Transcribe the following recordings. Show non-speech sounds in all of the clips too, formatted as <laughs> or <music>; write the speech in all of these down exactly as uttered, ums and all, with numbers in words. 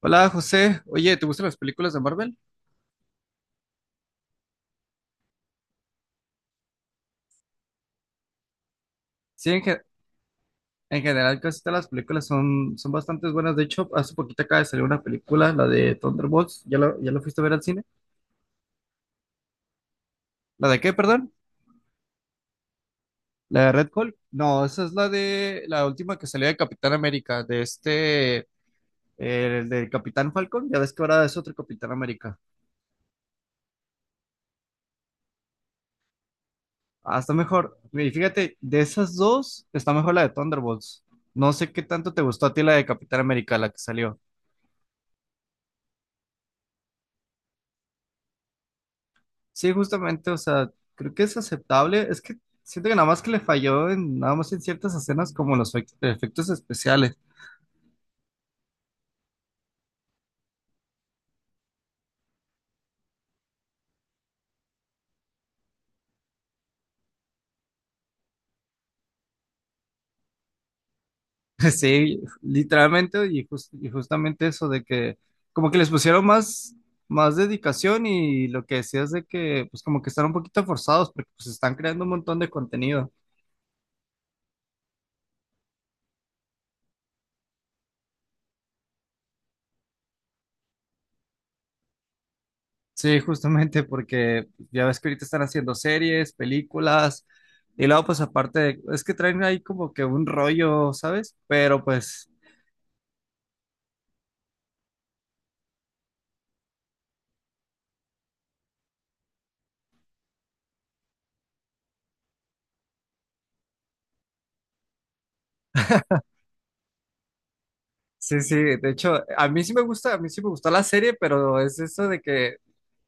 Hola José, oye, ¿te gustan las películas de Marvel? Sí, en, ge- en general casi todas las películas son, son bastante buenas. De hecho, hace poquito acaba de salir una película, la de Thunderbolts, ¿ya la, ya la fuiste a ver al cine? ¿La de qué, perdón? ¿La de Red Hulk? No, esa es la de la última que salió de Capitán América, de este, eh, el del Capitán Falcon, ya ves que ahora es otro Capitán América. Ah, está mejor. Y fíjate, de esas dos, está mejor la de Thunderbolts. No sé qué tanto te gustó a ti la de Capitán América, la que salió. Sí, justamente, o sea, creo que es aceptable. Es que siento que nada más que le falló en, nada más en ciertas escenas como los fec- efectos especiales. <laughs> Sí, literalmente, y, jus- y justamente eso de que como que les pusieron más, más dedicación y lo que decías de que pues como que están un poquito forzados porque pues están creando un montón de contenido. Sí, justamente porque ya ves que ahorita están haciendo series, películas. Y luego, pues aparte, es que traen ahí como que un rollo, ¿sabes? Pero pues sí, sí, de hecho, a mí sí me gusta, a mí sí me gustó la serie, pero es eso de que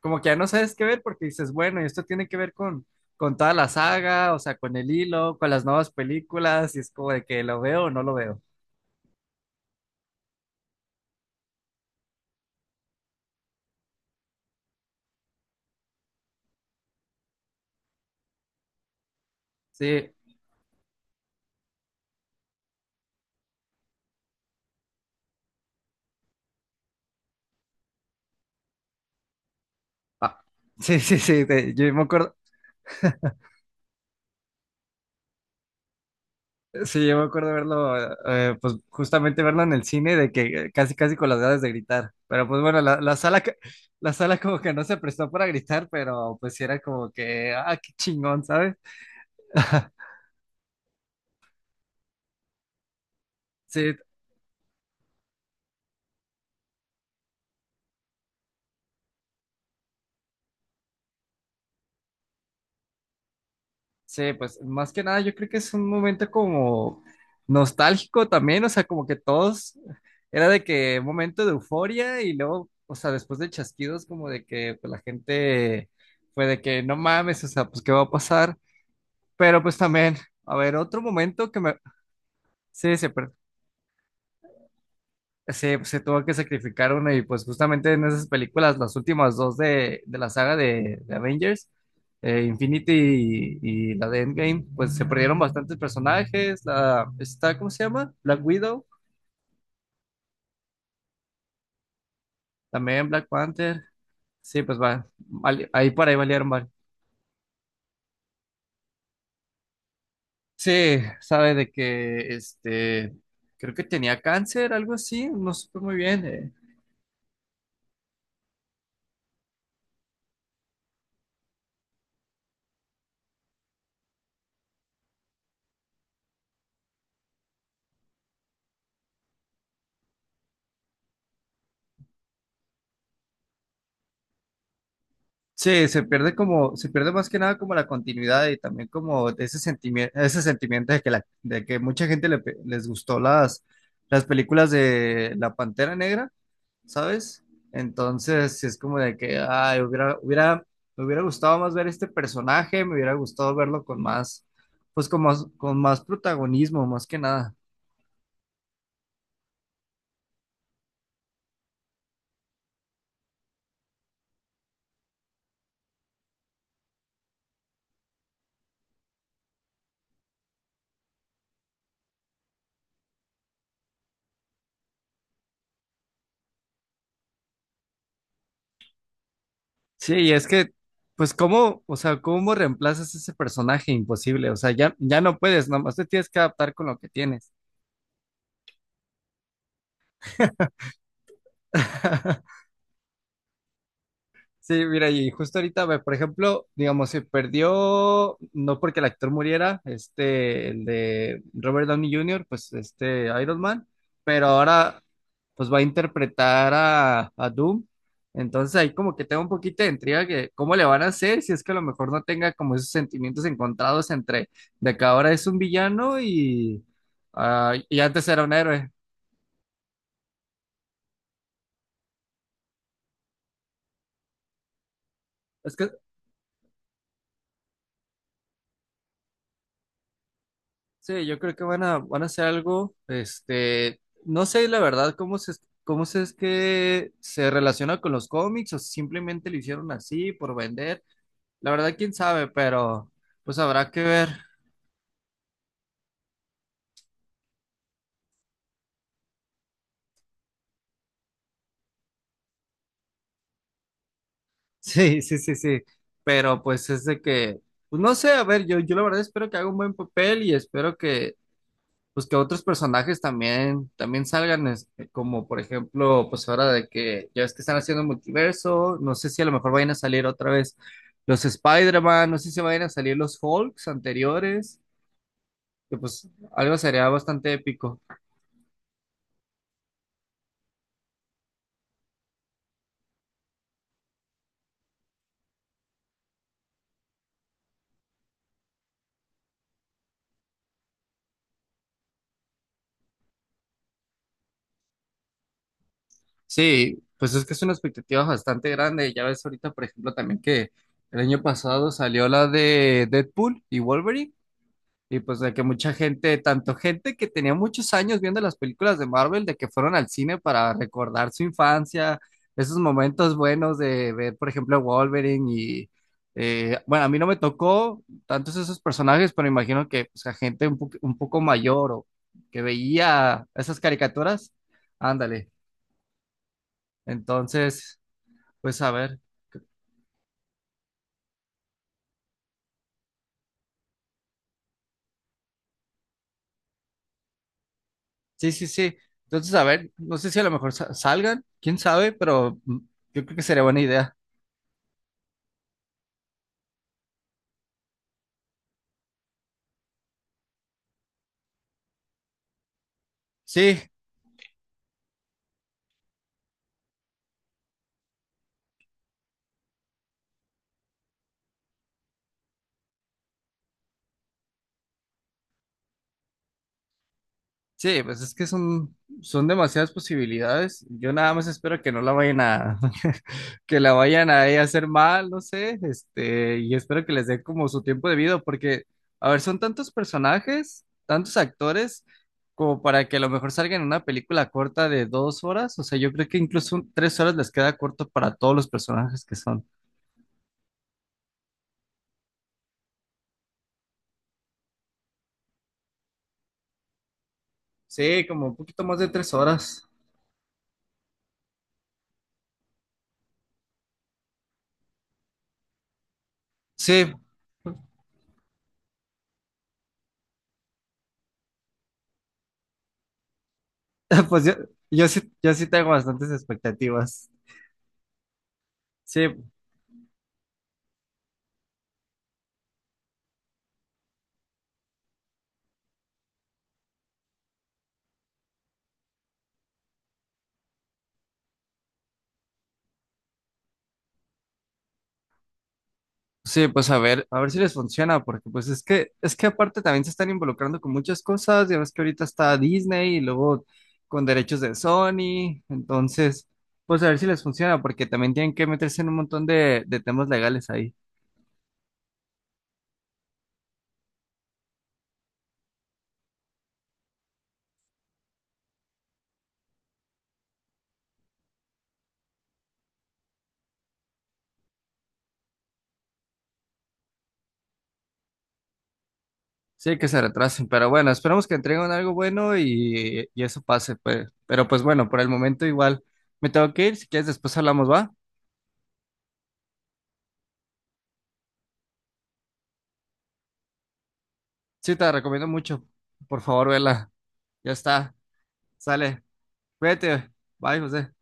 como que ya no sabes qué ver porque dices, bueno, y esto tiene que ver con, con toda la saga, o sea, con el hilo, con las nuevas películas, y es como de que lo veo o no lo veo. Sí, ah, <laughs> sí, sí, sí, de- yo me acuerdo, sí, yo me acuerdo verlo, eh, eh, pues justamente verlo en el cine de que eh, casi, casi con las ganas de gritar, pero pues bueno, la, la sala, ca- la sala como que no se prestó para gritar, pero pues sí era como que, ah, qué chingón, ¿sabes? <laughs> Sí, sí, pues más que nada yo creo que es un momento como nostálgico también, o sea, como que todos, era de que un momento de euforia y luego, o sea, después de chasquidos como de que pues, la gente fue de que no mames, o sea, pues qué va a pasar, pero pues también, a ver, otro momento que me, sí, sí, se, se tuvo que sacrificar uno y pues justamente en esas películas, las últimas dos de, de la saga de, de Avengers, eh, Infinity y, y la de Endgame, pues se perdieron bastantes personajes, la, está, ¿cómo se llama? Black Widow, también Black Panther, sí, pues va, vali- ahí por ahí valieron, vale. Sí, sabe de que, este, creo que tenía cáncer, algo así, no supe muy bien, eh, sí, se pierde como, se pierde más que nada como la continuidad y también como de ese sentimiento, ese sentimiento de que la, de que mucha gente le pe- les gustó las, las películas de La Pantera Negra, ¿sabes? Entonces, sí es como de que, ay, hubiera, hubiera, me hubiera gustado más ver este personaje, me hubiera gustado verlo con más, pues con más, con más protagonismo, más que nada. Sí, y es que, pues, ¿cómo, o sea, cómo reemplazas ese personaje imposible? O sea, ya, ya no puedes, nomás te tienes que adaptar con lo que tienes. <laughs> <laughs> Sí, mira, y justo ahorita, ve, por ejemplo, digamos, se perdió, no porque el actor muriera, este, el de Robert Downey junior, pues este Iron Man, pero ahora pues va a interpretar a, a Doom. Entonces ahí como que tengo un poquito de intriga que cómo le van a hacer si es que a lo mejor no tenga como esos sentimientos encontrados entre de que ahora es un villano y, ah, y antes era un héroe. Es que sí, yo creo que van a, van a hacer algo, este, no sé la verdad cómo se, cómo se es que se relaciona con los cómics o si simplemente lo hicieron así por vender. La verdad, quién sabe, pero pues habrá que ver. <laughs> Sí, sí, sí, sí. Pero pues es de que, pues no sé, a ver, yo, yo la verdad espero que haga un buen papel y espero que, pues que otros personajes también, también salgan, es- como por ejemplo, pues ahora de que ya es que están haciendo multiverso, no sé si a lo mejor vayan a salir otra vez los Spider-Man, no sé si vayan a salir los Hulks anteriores, que pues algo sería bastante épico. Sí, pues es que es una expectativa bastante grande, ya ves ahorita, por ejemplo, también que el año pasado salió la de Deadpool y Wolverine. Y pues de que mucha gente, tanto gente que tenía muchos años viendo las películas de Marvel, de que fueron al cine para recordar su infancia, esos momentos buenos de ver, por ejemplo, Wolverine y, eh, bueno, a mí no me tocó tantos esos personajes, pero imagino que pues, a gente un, po- un poco mayor o que veía esas caricaturas, ándale. Entonces, pues a ver, sí, sí, sí. Entonces, a ver, no sé si a lo mejor sa- salgan, quién sabe, pero mm, yo creo que sería buena idea. Sí, sí, pues es que son, son demasiadas posibilidades. Yo nada más espero que no la vayan a, <laughs> que la vayan a ella hacer mal, no sé, este, y espero que les dé como su tiempo debido, porque, a ver, son tantos personajes, tantos actores, como para que a lo mejor salgan en una película corta de dos horas. O sea, yo creo que incluso un- tres horas les queda corto para todos los personajes que son. Sí, como un poquito más de tres horas. Sí, <laughs> pues yo, yo sí, yo sí tengo bastantes expectativas. Sí, sí, pues a ver, a ver si les funciona, porque pues es que, es que aparte también se están involucrando con muchas cosas, ya ves que ahorita está Disney y luego con derechos de Sony, entonces, pues a ver si les funciona, porque también tienen que meterse en un montón de, de temas legales ahí. Sí, que se retrasen, pero bueno, esperemos que entreguen algo bueno y, y eso pase, pues. Pero pues bueno, por el momento igual me tengo que ir, si quieres después hablamos, ¿va? Sí, te la recomiendo mucho, por favor, vela. Ya está, sale, cuídate, bye, José.